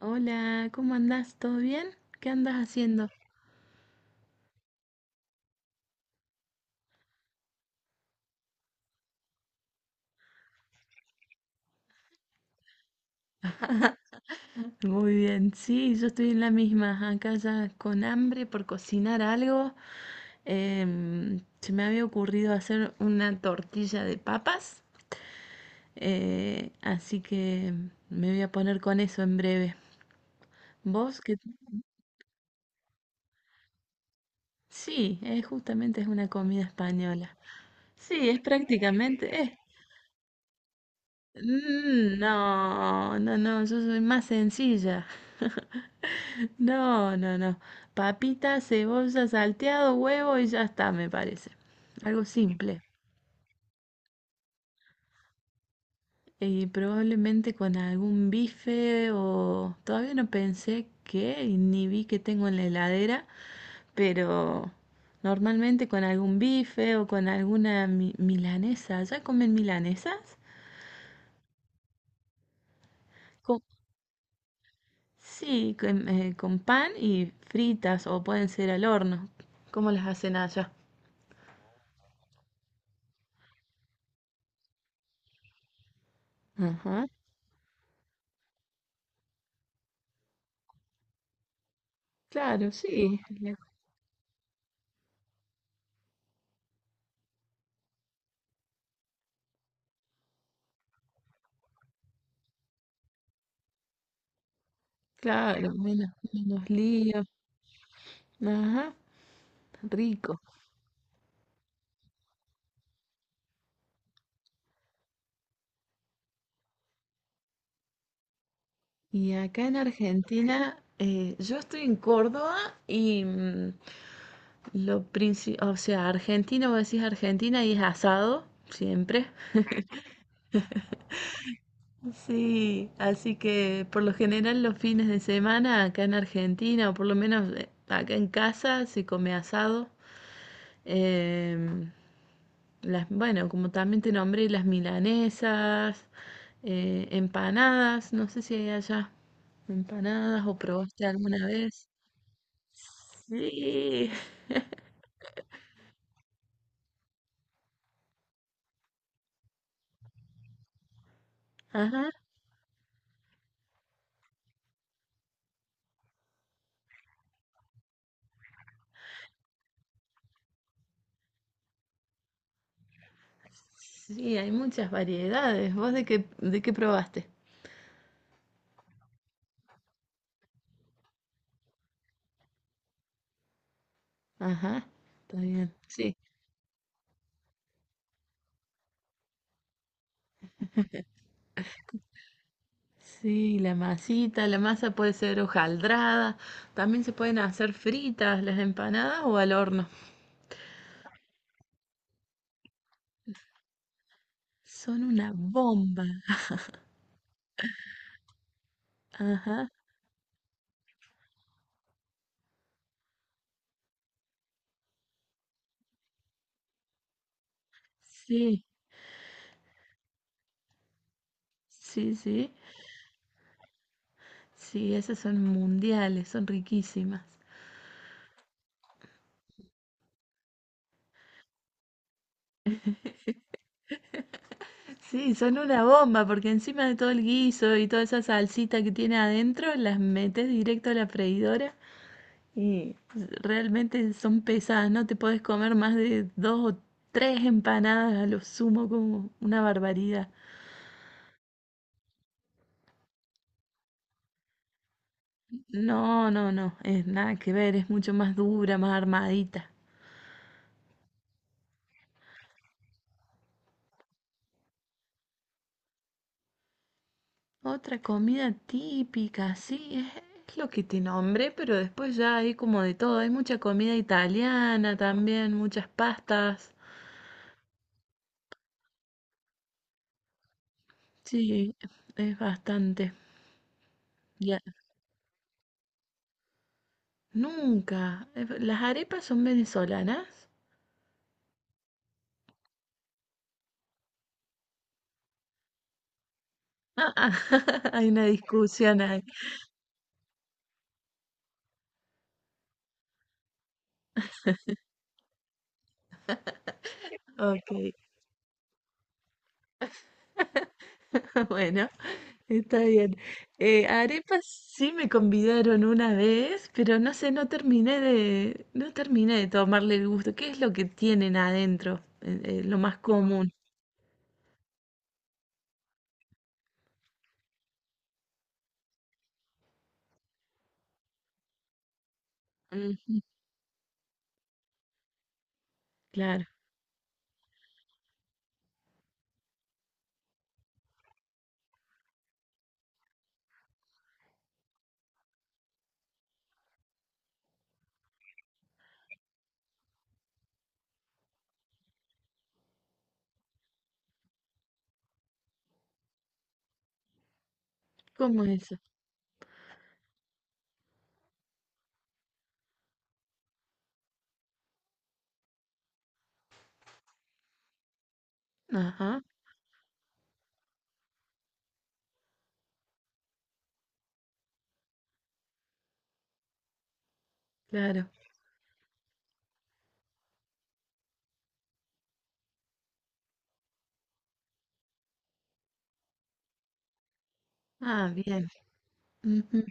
Hola, ¿cómo andás? ¿Todo bien? ¿Qué andas haciendo? Muy bien, sí, yo estoy en la misma, acá ya con hambre por cocinar algo. Se me había ocurrido hacer una tortilla de papas, así que me voy a poner con eso en breve. ¿Vos qué? Sí, es justamente es una comida española. Sí, es prácticamente... No, no, no, yo soy más sencilla. No, no, no. Papita, cebolla, salteado, huevo y ya está, me parece. Algo simple. Y probablemente con algún bife o... Todavía no pensé qué y ni vi que tengo en la heladera, pero normalmente con algún bife o con alguna milanesa. ¿Ya comen milanesas? Con- Sí, con pan y fritas o pueden ser al horno. ¿Cómo las hacen allá? Ajá. Claro, sí. Claro, menos, menos lío. Ajá, rico. Y acá en Argentina, yo estoy en Córdoba y lo principal, o sea, Argentina, vos decís Argentina y es asado, siempre. Sí, así que por lo general los fines de semana acá en Argentina, o por lo menos acá en casa, se come asado. Em, Las, bueno, como también te nombré, las milanesas, empanadas, no sé si hay allá empanadas o probaste alguna vez. Sí, ajá, sí, hay muchas variedades. ¿Vos de qué probaste? Ajá, está bien, sí. Sí, la masita, la masa puede ser hojaldrada, también se pueden hacer fritas las empanadas o al horno. Son una bomba. Ajá, sí, sí, sí. Sí, esas son mundiales, son riquísimas. Sí, son una bomba porque encima de todo el guiso y toda esa salsita que tiene adentro, las metes directo a la freidora y realmente son pesadas, no te podés comer más de dos o tres empanadas a lo sumo como una barbaridad. No, no, no, es nada que ver, es mucho más dura, más armadita. Otra comida típica, sí, es lo que te nombré, pero después ya hay como de todo. Hay mucha comida italiana también, muchas pastas. Sí, es bastante. Ya, nunca. ¿Las arepas son venezolanas? Ah, ah, hay una discusión ahí. Ok. Bueno. Está bien. Arepas sí me convidaron una vez, pero no sé, no terminé de, no terminé de tomarle el gusto. ¿Qué es lo que tienen adentro? Lo más común. Ujú, claro. ¿Cómo es eso? Ajá, claro. Ah, bien. Ujú.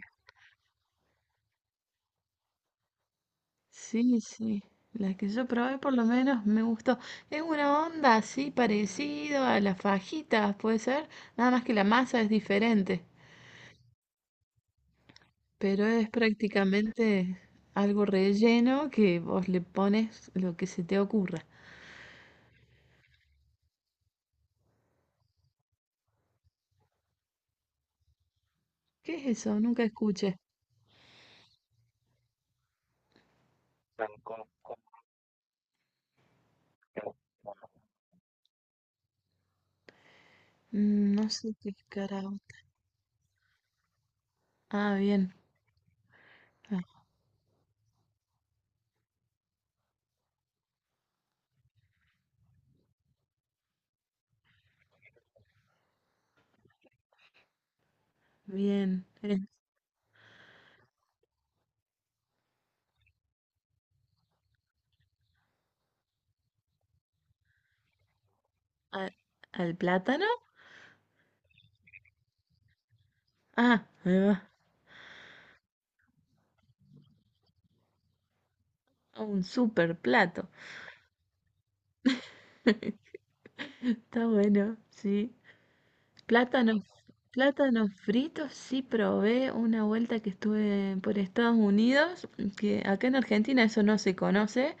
Sí, sí. La que yo probé por lo menos me gustó. Es una onda así parecido a las fajitas, puede ser. Nada más que la masa es diferente. Pero es prácticamente algo relleno que vos le pones lo que se te ocurra. ¿Qué es eso? Nunca escuché. Mm, no sé qué es caraota. Ah, bien. Ah, bien. A- ¿Al plátano? Ah, ahí va. A Un super plato. Está bueno, sí. Plátanos, plátanos fritos, sí probé una vuelta que estuve por Estados Unidos, que acá en Argentina eso no se conoce.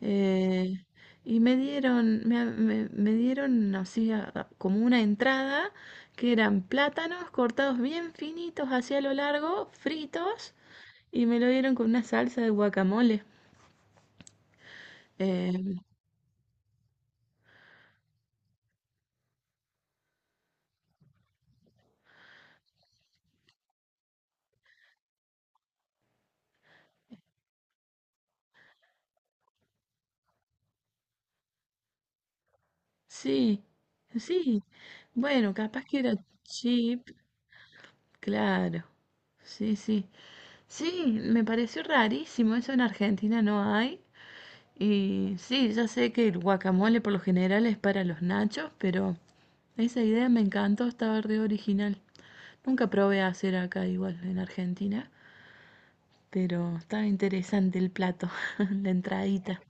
Eh, y me dieron, me dieron así como una entrada que eran plátanos cortados bien finitos hacia lo largo, fritos, y me lo dieron con una salsa de guacamole. Eh, sí, sí. Bueno, capaz que era chip, claro. Sí, sí. Sí, me pareció rarísimo, eso en Argentina no hay. Y sí, ya sé que el guacamole por lo general es para los nachos, pero esa idea me encantó, estaba re original. Nunca probé a hacer acá igual en Argentina, pero estaba interesante el plato, la entradita.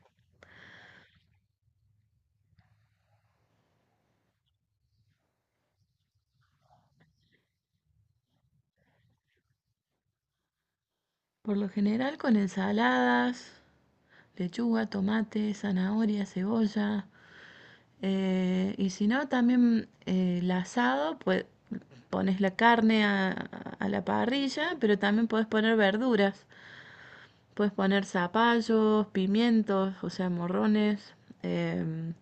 Por lo general con ensaladas, lechuga, tomate, zanahoria, cebolla. Y si no, también el asado, pues pones la carne a la parrilla, pero también puedes poner verduras. Puedes poner zapallos, pimientos, o sea, morrones, em,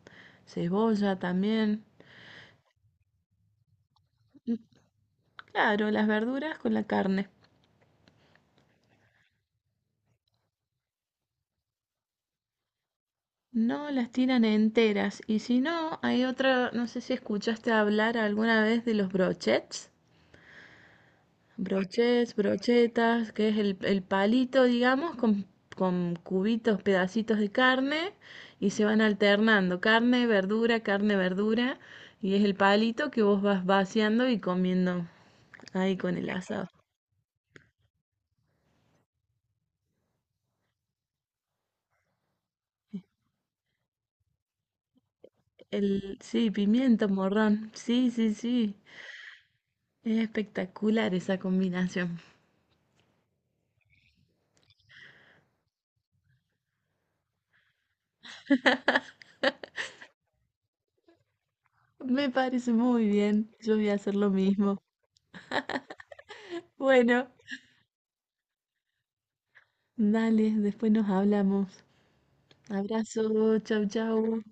cebolla también. Claro, las verduras con la carne. No, las tiran enteras. Y si no, hay otra, no sé si escuchaste hablar alguna vez de los brochets. Brochets, brochetas, que es el palito, digamos, con cubitos, pedacitos de carne y se van alternando. Carne, verdura, carne, verdura. Y es el palito que vos vas vaciando y comiendo ahí con el asado. El, sí, pimiento, morrón. Sí, sí, sí. Es espectacular esa combinación. Me parece muy bien. Yo voy a hacer lo mismo. Bueno, dale, después nos hablamos. Abrazo, chau, chau.